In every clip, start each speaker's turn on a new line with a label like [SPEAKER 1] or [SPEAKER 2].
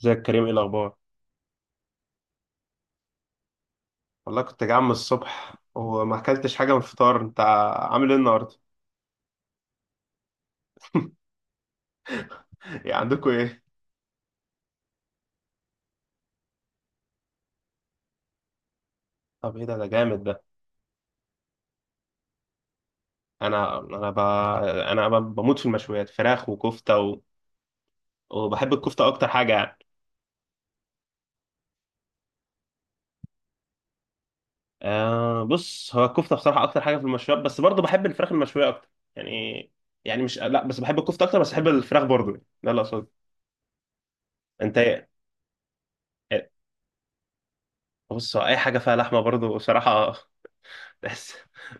[SPEAKER 1] ازيك يا كريم؟ ايه الاخبار؟ والله كنت جعان من الصبح وما اكلتش حاجه من الفطار. انت عامل ايه النهارده؟ يعني عندكم ايه؟ طب ايه ده؟ ده جامد. انا انا ب... انا بموت في المشويات، فراخ وكفته وبحب الكفته اكتر حاجه يعني. آه، بص، هو الكفته بصراحه اكتر حاجه في المشويات، بس برضه بحب الفراخ المشويه اكتر يعني. يعني مش لا، بس بحب الكفته اكتر، بس بحب الفراخ برضه يعني. ده اللي اقصده. انت ايه؟ إيه؟ بص، هو اي حاجه فيها لحمه برضه بصراحه. بحس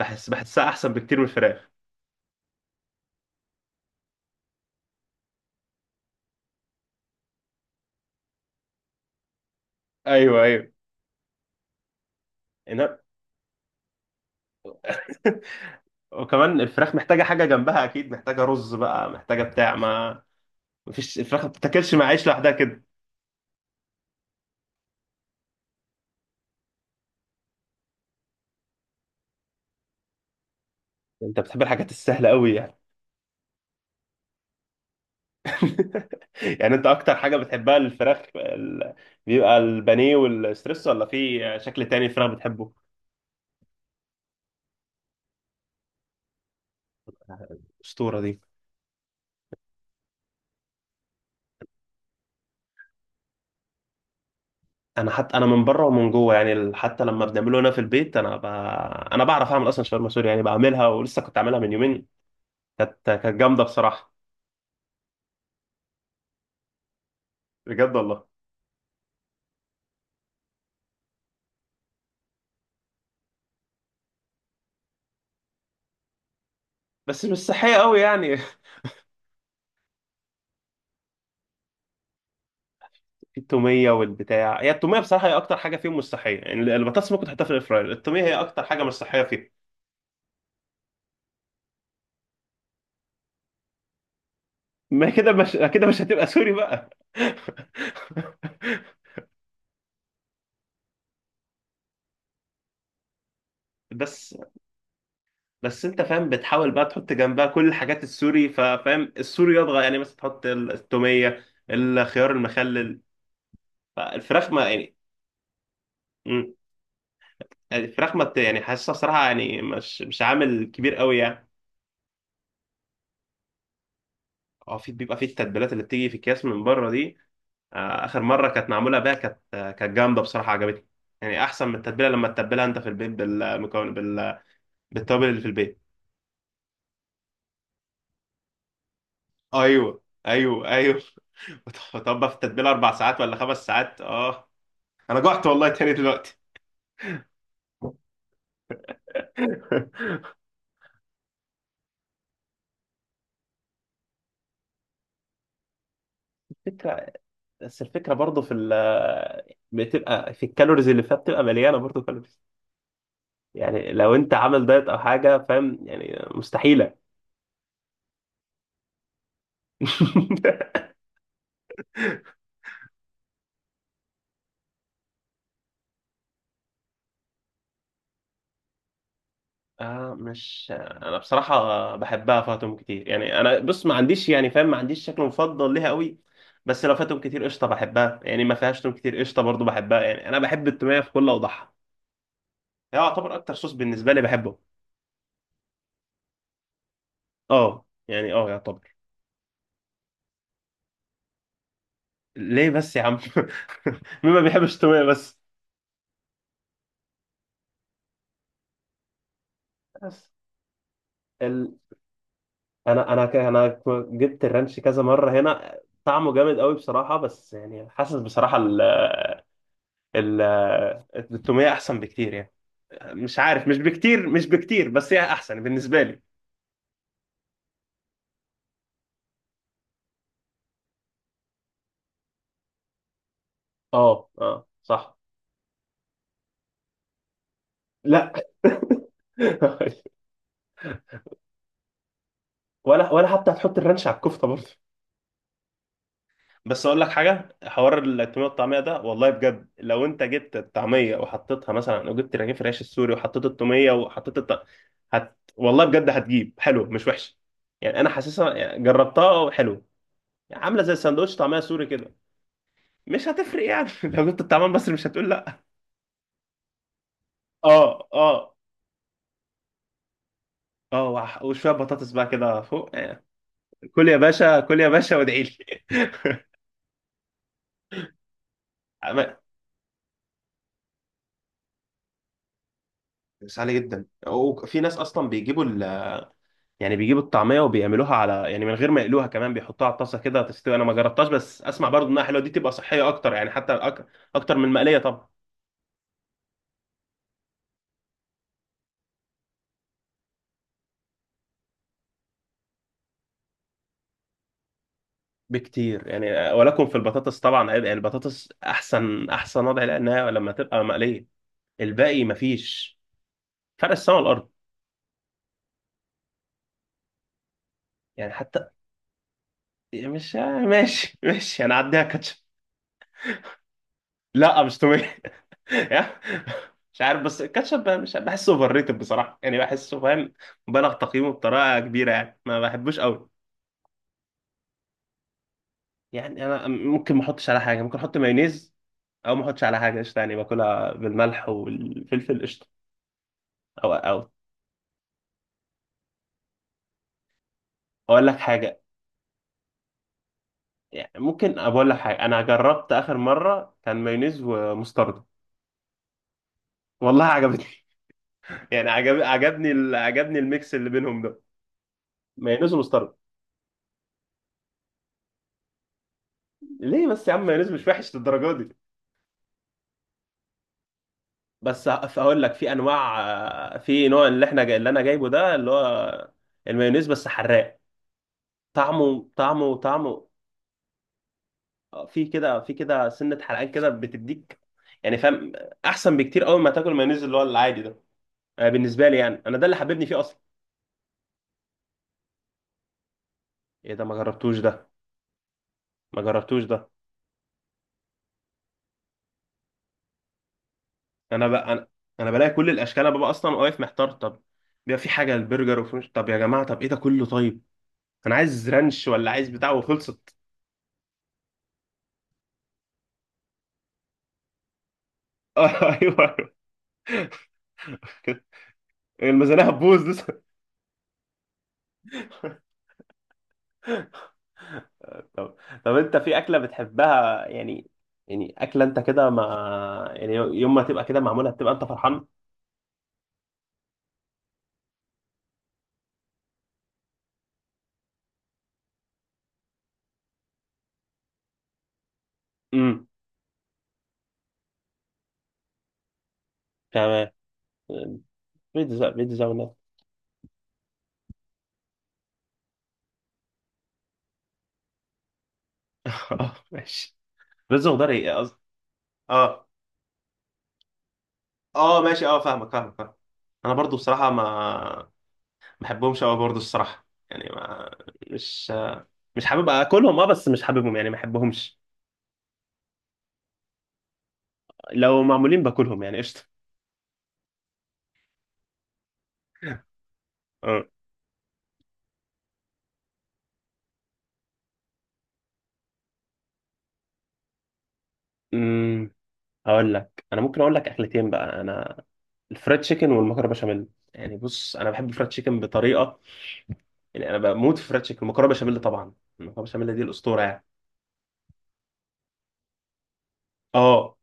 [SPEAKER 1] بحس بحسها احسن بكتير من الفراخ. ايوه، ايوه. وكمان الفراخ محتاجة حاجة جنبها، أكيد محتاجة رز بقى، محتاجة بتاع ما. مفيش، الفراخ ما بتتاكلش مع عيش لوحدها كده. أنت بتحب الحاجات السهلة أوي يعني. يعني أنت أكتر حاجة بتحبها الفراخ بيبقى البانيه والستريس، ولا في شكل تاني الفراخ بتحبه؟ الأسطورة دي. أنا حتى، أنا من بره ومن جوه يعني، حتى لما بنعمله هنا في البيت أنا بعرف أعمل أصلا شاورما سوري يعني، بعملها ولسه كنت عاملها من يومين. كانت جامدة بصراحة. بجد والله. بس مش صحية أوي يعني. التوميه والبتاع، هي التوميه بصراحه هي اكتر حاجه فيهم مش صحيه يعني. البطاطس ممكن تحطها في الاير فراير، التوميه هي اكتر حاجه مش صحيه فيهم. ما كده، مش هتبقى سوري بقى. بس، بس انت فاهم بتحاول بقى تحط جنبها كل الحاجات السوري، ففاهم السوري يضغى يعني، مثلا تحط التوميه، الخيار المخلل، فالفراخ ما يعني. مم. الفراخ ما بت- يعني حاسسها صراحه يعني مش، مش عامل كبير قوي يعني. اه، في، بيبقى في التتبيلات اللي بتيجي في اكياس من بره دي. اخر مره كانت معموله بيها، كانت، كانت جامده بصراحه، عجبتني. يعني احسن من التتبيله لما تتبلها انت في البيت بالمكون بالتوابل اللي في البيت. ايوه، ايوه، ايوه. طب في التتبيله اربع ساعات ولا خمس ساعات؟ اه، انا جعت والله تاني دلوقتي. الفكرة، بس الفكرة برضه في بتبقى في الكالوريز اللي فيها، بتبقى مليانة برضه كالوريز. يعني لو انت عامل دايت او حاجة فاهم، يعني مستحيلة. مش، انا بصراحه بحبها فاتهم كتير يعني. انا بص، ما عنديش يعني فاهم، ما عنديش شكل مفضل ليها قوي. بس لو فاتهم كتير قشطه، بحبها يعني، ما فيهاش توم كتير قشطه برضو، بحبها يعني. انا بحب التوميه في كل اوضاعها. هي يعتبر اكتر صوص بالنسبه لي بحبه. اه يعني، اه يعتبر. ليه بس يا عم؟ مين ما بيحبش التوميه بس؟ بس ال... انا جبت الرانش كذا مره هنا. طعمه جامد قوي بصراحه، بس يعني حاسس بصراحه ال ال التوميه احسن بكتير يعني. مش عارف، مش بكتير، مش بكتير، بس هي احسن بالنسبه لي. اه، اه، صح. لا. ولا، ولا حتى هتحط الرانش على الكفته برضه. بس اقول لك حاجه، حوار التوميه والطعميه ده، والله بجد لو انت جبت الطعميه وحطيتها مثلا، او جبت رغيف العيش السوري وحطيت التوميه وحطيت والله بجد هتجيب حلو، مش وحش. يعني انا حاسسها، يعني جربتها وحلو. يعني عامله زي سندوتش طعميه سوري كده، مش هتفرق يعني. لو جبت الطعميه المصري مش هتقول لا. اه، اه. اه، وشويه بطاطس بقى كده فوق. كل يا باشا، كل يا باشا وادعي لي. عم- بس عالي جدا. وفي ناس اصلا بيجيبوا يعني بيجيبوا الطعميه وبيعملوها على، يعني من غير ما يقلوها، كمان بيحطوها على الطاسه كده تستوي. انا ما جربتهاش، بس اسمع برضو انها حلوه، دي تبقى صحيه اكتر يعني. حتى اكتر من المقليه طبعا، بكتير يعني. ولكم في البطاطس طبعا، هيبقى البطاطس احسن، احسن وضع، لانها لما تبقى مقليه الباقي مفيش. فرق السما والارض. يعني حتى، مش ماشي، ماشي انا عديها كاتشب. لا، مش توميه. مش عارف، بس الكاتشب مش بحسه اوفر ريتد بصراحه، يعني بحسه فاهم مبالغ تقييمه بطريقه كبيره يعني، ما بحبوش قوي. يعني انا ممكن ما احطش على حاجه، ممكن احط مايونيز، او ما احطش على حاجه قشطه، يعني باكلها بالملح والفلفل قشطه. او، او اقول لك حاجه، يعني ممكن اقول لك حاجه، انا جربت اخر مره كان مايونيز ومستردة، والله عجبتني. يعني عجبني عجبني الميكس اللي بينهم ده، مايونيز ومستردة. ليه بس يا عم؟ مايونيز مش وحش للدرجه دي. بس هقول لك، في انواع، في نوع، اللي احنا جاي، اللي انا جايبه ده اللي هو المايونيز بس حراق. طعمه، طعمه، طعمه، في كده، في كده سنة حرقان كده بتديك يعني، فاهم؟ احسن بكتير قوي ما تاكل مايونيز اللي هو العادي ده، بالنسبة لي يعني. انا ده اللي حببني فيه اصلا. ايه ده؟ ما جربتوش ده. ما جربتوش ده. انا انا بلاقي كل الاشكال، انا ببقى اصلا واقف محتار. طب، بيبقى في حاجة البرجر وفرنش، طب يا جماعة طب ايه ده كله؟ طيب انا عايز رانش ولا عايز بتاع وخلصت. ايوه، الميزانية هتبوظ لسه. طب، طب انت في اكلة بتحبها يعني، يعني اكلة انت كده ما، يعني يوم ما تبقى كده معمولة تبقى انت فرحان؟ امم، تمام. بيتزا، بيتزا ولا؟ اه ماشي، بيتزا وخضار، ايه قصدي، اه، اه ماشي، اه فاهمك، فاهمك، فاهمك. انا برضو بصراحة، ما ما بحبهمش قوي برضو الصراحة يعني. ما مش، مش حابب اكلهم، اه، بس مش حاببهم يعني، ما بحبهمش. لو معمولين باكلهم يعني قشطة. اه هقول لك، انا ممكن اقول لك اكلتين بقى انا، الفرايد تشيكن والمكرونه بشاميل. يعني بص، انا بحب الفرايد تشيكن بطريقه، يعني انا بموت في الفرايد تشيكن. المكرونه بشاميل طبعا، المكرونه بشاميل دي الاسطوره يعني. اه،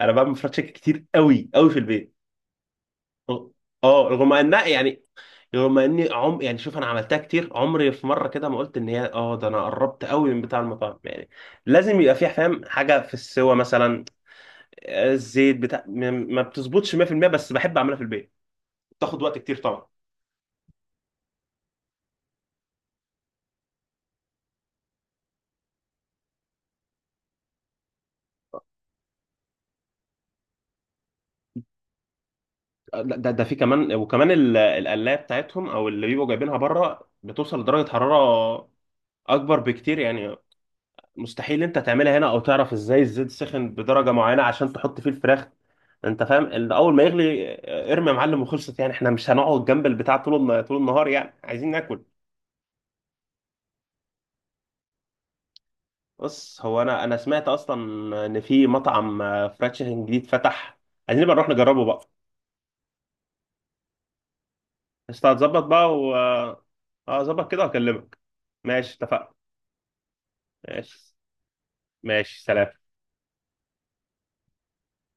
[SPEAKER 1] انا بعمل فرايد تشيكن كتير قوي قوي في البيت. اه، رغم انها يعني، رغم اني يعني شوف، انا عملتها كتير عمري، في مره كده ما قلت ان هي، اه ده انا قربت قوي من بتاع المطاعم يعني. لازم يبقى فيها فاهم حاجه في السوا مثلا، الزيت بتاع ما، بتظبطش 100%. بس بحب اعملها في البيت. بتاخد وقت كتير طبعا. لا، ده في كمان، وكمان القلايه بتاعتهم او اللي بيبقوا جايبينها بره، بتوصل لدرجه حراره اكبر بكتير يعني. مستحيل انت تعملها هنا، او تعرف ازاي الزيت سخن بدرجه معينه عشان تحط فيه الفراخ. انت فاهم، اللي اول ما يغلي، ارمي يا معلم وخلصت يعني. احنا مش هنقعد جنب البتاع طول طول النهار يعني، عايزين ناكل. بص، هو انا سمعت اصلا ان في مطعم، فرايد تشيكن جديد فتح، عايزين نبقى نروح نجربه بقى. بس هتظبط بقى و، اه ظبط كده واكلمك. ماشي، اتفقنا. ماشي، ماشي سلام.